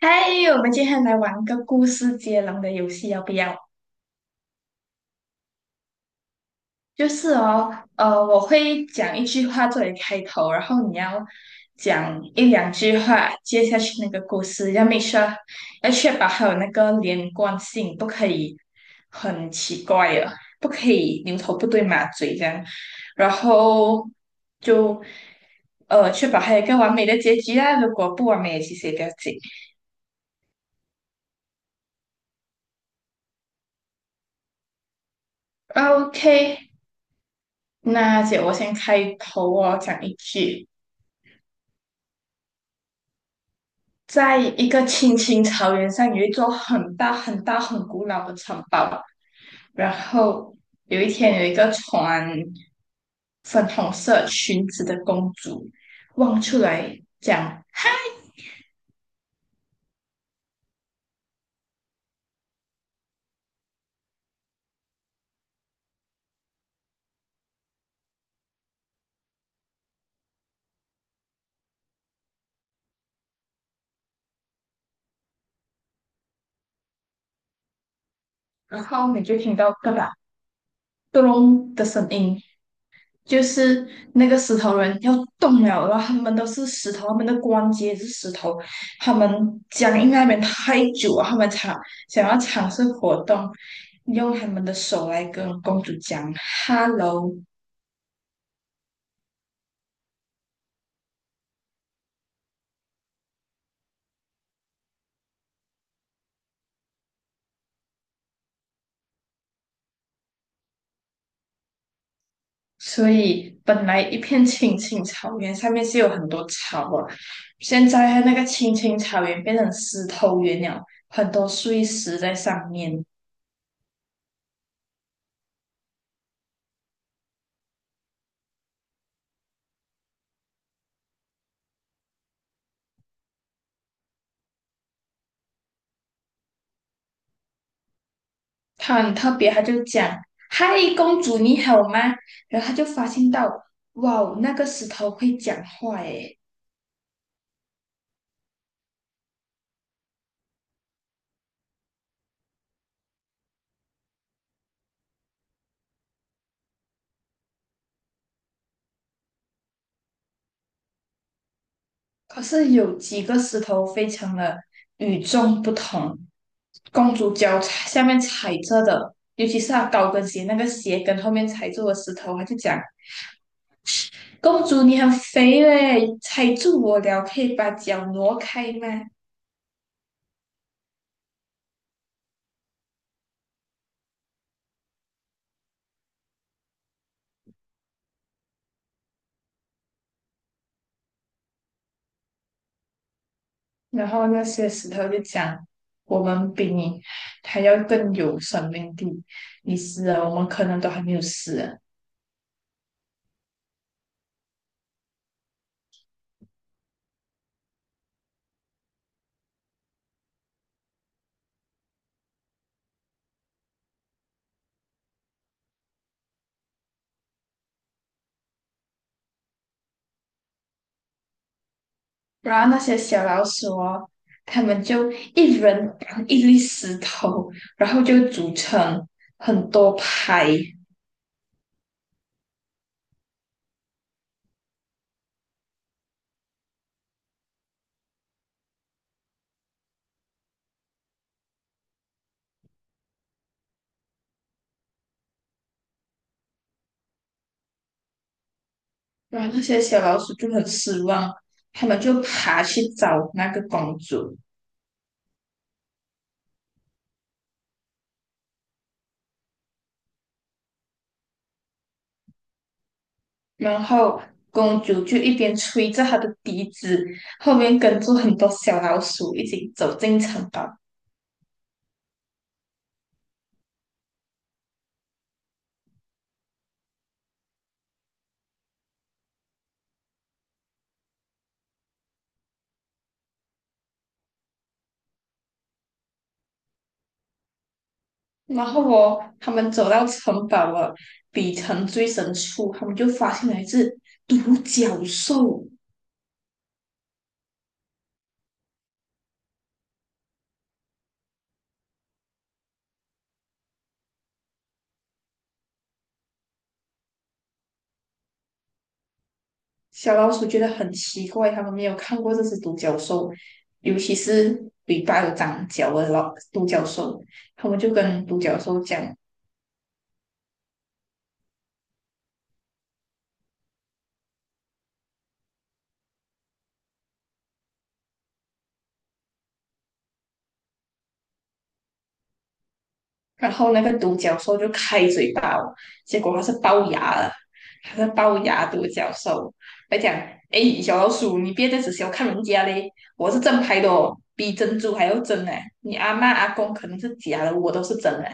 嗨，我们今天来玩个故事接龙的游戏，要不要？我会讲一句话作为开头，然后你要讲一两句话接下去那个故事，要 make sure 要确保还有那个连贯性，不可以很奇怪的，不可以牛头不对马嘴这样，然后就呃确保还有一个完美的结局啊，如果不完美，其实也不要紧。OK，那姐，我先开头哦，讲一句，在一个青青草原上，有一座很大很大很古老的城堡。然后有一天，有一个穿粉红色裙子的公主望出来讲，然后你就听到嘎啦咚隆的声音，就是那个石头人要动了，然后他们都是石头，他们的关节也是石头，他们僵硬在那边太久了，他们想要尝试活动，用他们的手来跟公主讲 "hello"。所以本来一片青青草原，上面是有很多草啊，现在那个青青草原变成石头原了，很多碎石在上面。他很特别，他就讲："嗨，公主你好吗？"然后他就发现到，哇哦，那个石头会讲话诶，可是有几个石头非常的与众不同。公主脚踩下面踩着的，尤其是她高跟鞋那个鞋跟后面踩住的石头，她就讲："公主你很肥嘞，踩住我了，可以把脚挪开吗？"然后那些石头就讲，我们比你还要更有生命力，你死了，我们可能都还没有死啊。然后那些小老鼠哦，他们就一人扛一粒石头，然后就组成很多排。然后那些小老鼠就很失望，他们就爬去找那个公主，然后公主就一边吹着她的笛子，后面跟着很多小老鼠一起走进城堡。然后哦，他们走到城堡了，底层最深处，他们就发现了一只独角兽。小老鼠觉得很奇怪，他们没有看过这只独角兽，尤其是尾巴有长角的老独角兽。他们就跟独角兽讲：然后那个独角兽就开嘴巴我，结果它是龅牙了，它是龅牙独角兽。它讲："哎，小老鼠，你别再只小看人家嘞，我是正牌的哦，比珍珠还要真哎！你阿妈阿公可能是假的，我都是真的。"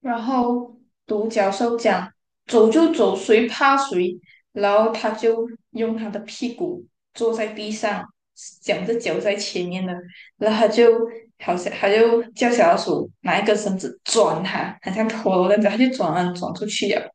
然后独角兽讲走就走，谁怕谁？然后他就用他的屁股坐在地上，两只脚在前面的，然后他就好像他就叫小老鼠拿一根绳子转他，好像陀螺那样子，他就转啊转出去了。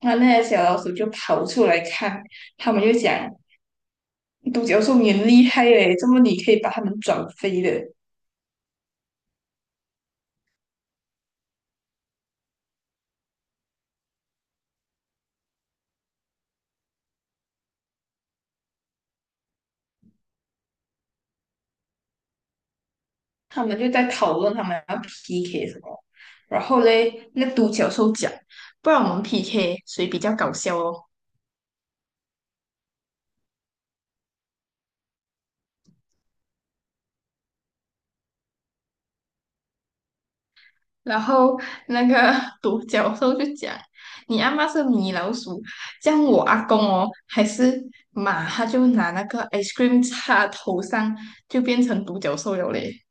那那些小老鼠就跑出来看，他们就讲独角兽你很厉害嘞，怎么你可以把它们转飞的。他们就在讨论他们要 PK 什么，然后嘞，那独角兽讲，不然我们 PK 谁比较搞笑哦。然后那个 独角兽就讲，你阿妈是米老鼠，这样我阿公哦还是马，他就拿那个 ice cream 擦头上，就变成独角兽了嘞。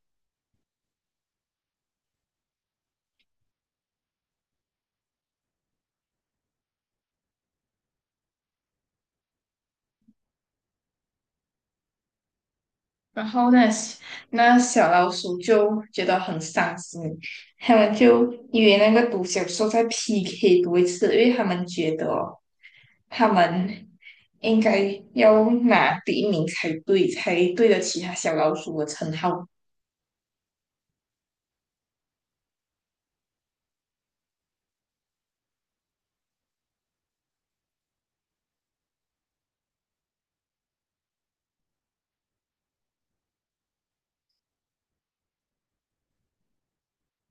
然后那小老鼠就觉得很伤心，他们就以为那个独角兽在 PK 多一次，因为他们觉得哦他们应该要拿第一名才对，才对得起他小老鼠的称号。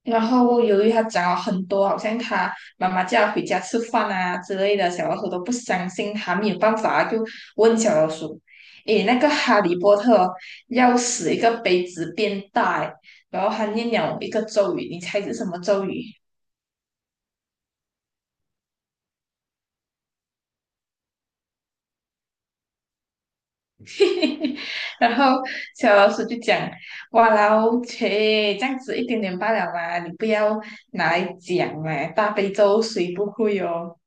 然后由于他讲了很多，好像他妈妈叫他回家吃饭啊之类的，小老鼠都不相信他，没有办法，就问小老鼠："诶，那个哈利波特哦要使一个杯子变大诶，然后他念了一个咒语，你猜是什么咒语？" 然后小老鼠就讲："哇啦哦切，这样子一点点罢了嘛，你不要拿来讲嘛，大悲咒谁不会哦？"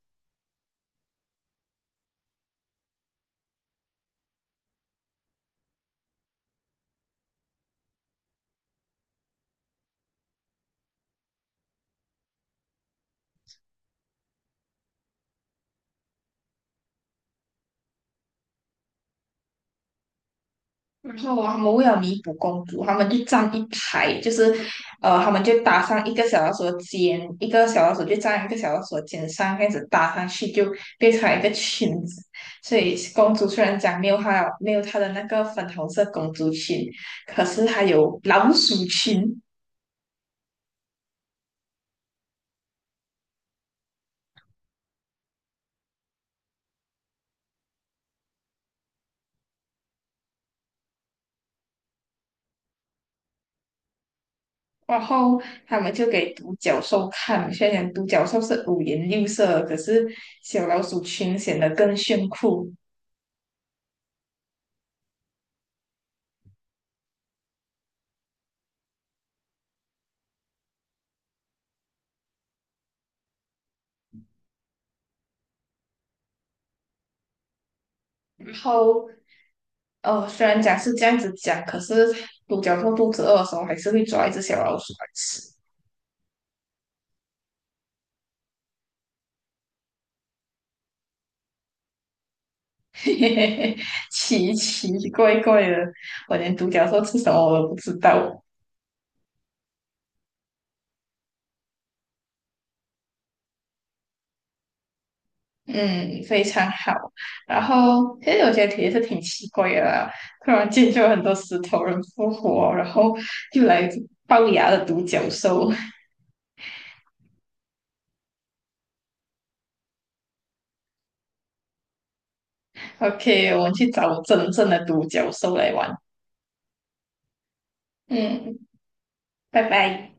然后啊他们为了弥补公主，他们就站一排，他们就搭上一个小老鼠的肩，一个小老鼠就站一个小老鼠的肩上，这样子搭上去就变成一个裙子。所以公主虽然讲没有她的那个粉红色公主裙，可是她有老鼠裙。然后他们就给独角兽看，虽然独角兽是五颜六色，可是小老鼠裙显得更炫酷。然后哦，虽然讲是这样子讲，可是独角兽肚子饿的时候还是会抓一只小老鼠来吃。嘿嘿嘿，奇奇怪怪的，我连独角兽吃什么我都不知道。嗯，非常好。然后其实觉得题也是挺奇怪的啦，突然间就有很多石头人复活，然后又来一只龅牙的独角兽。OK，我们去找真正的独角兽来玩。嗯，拜拜。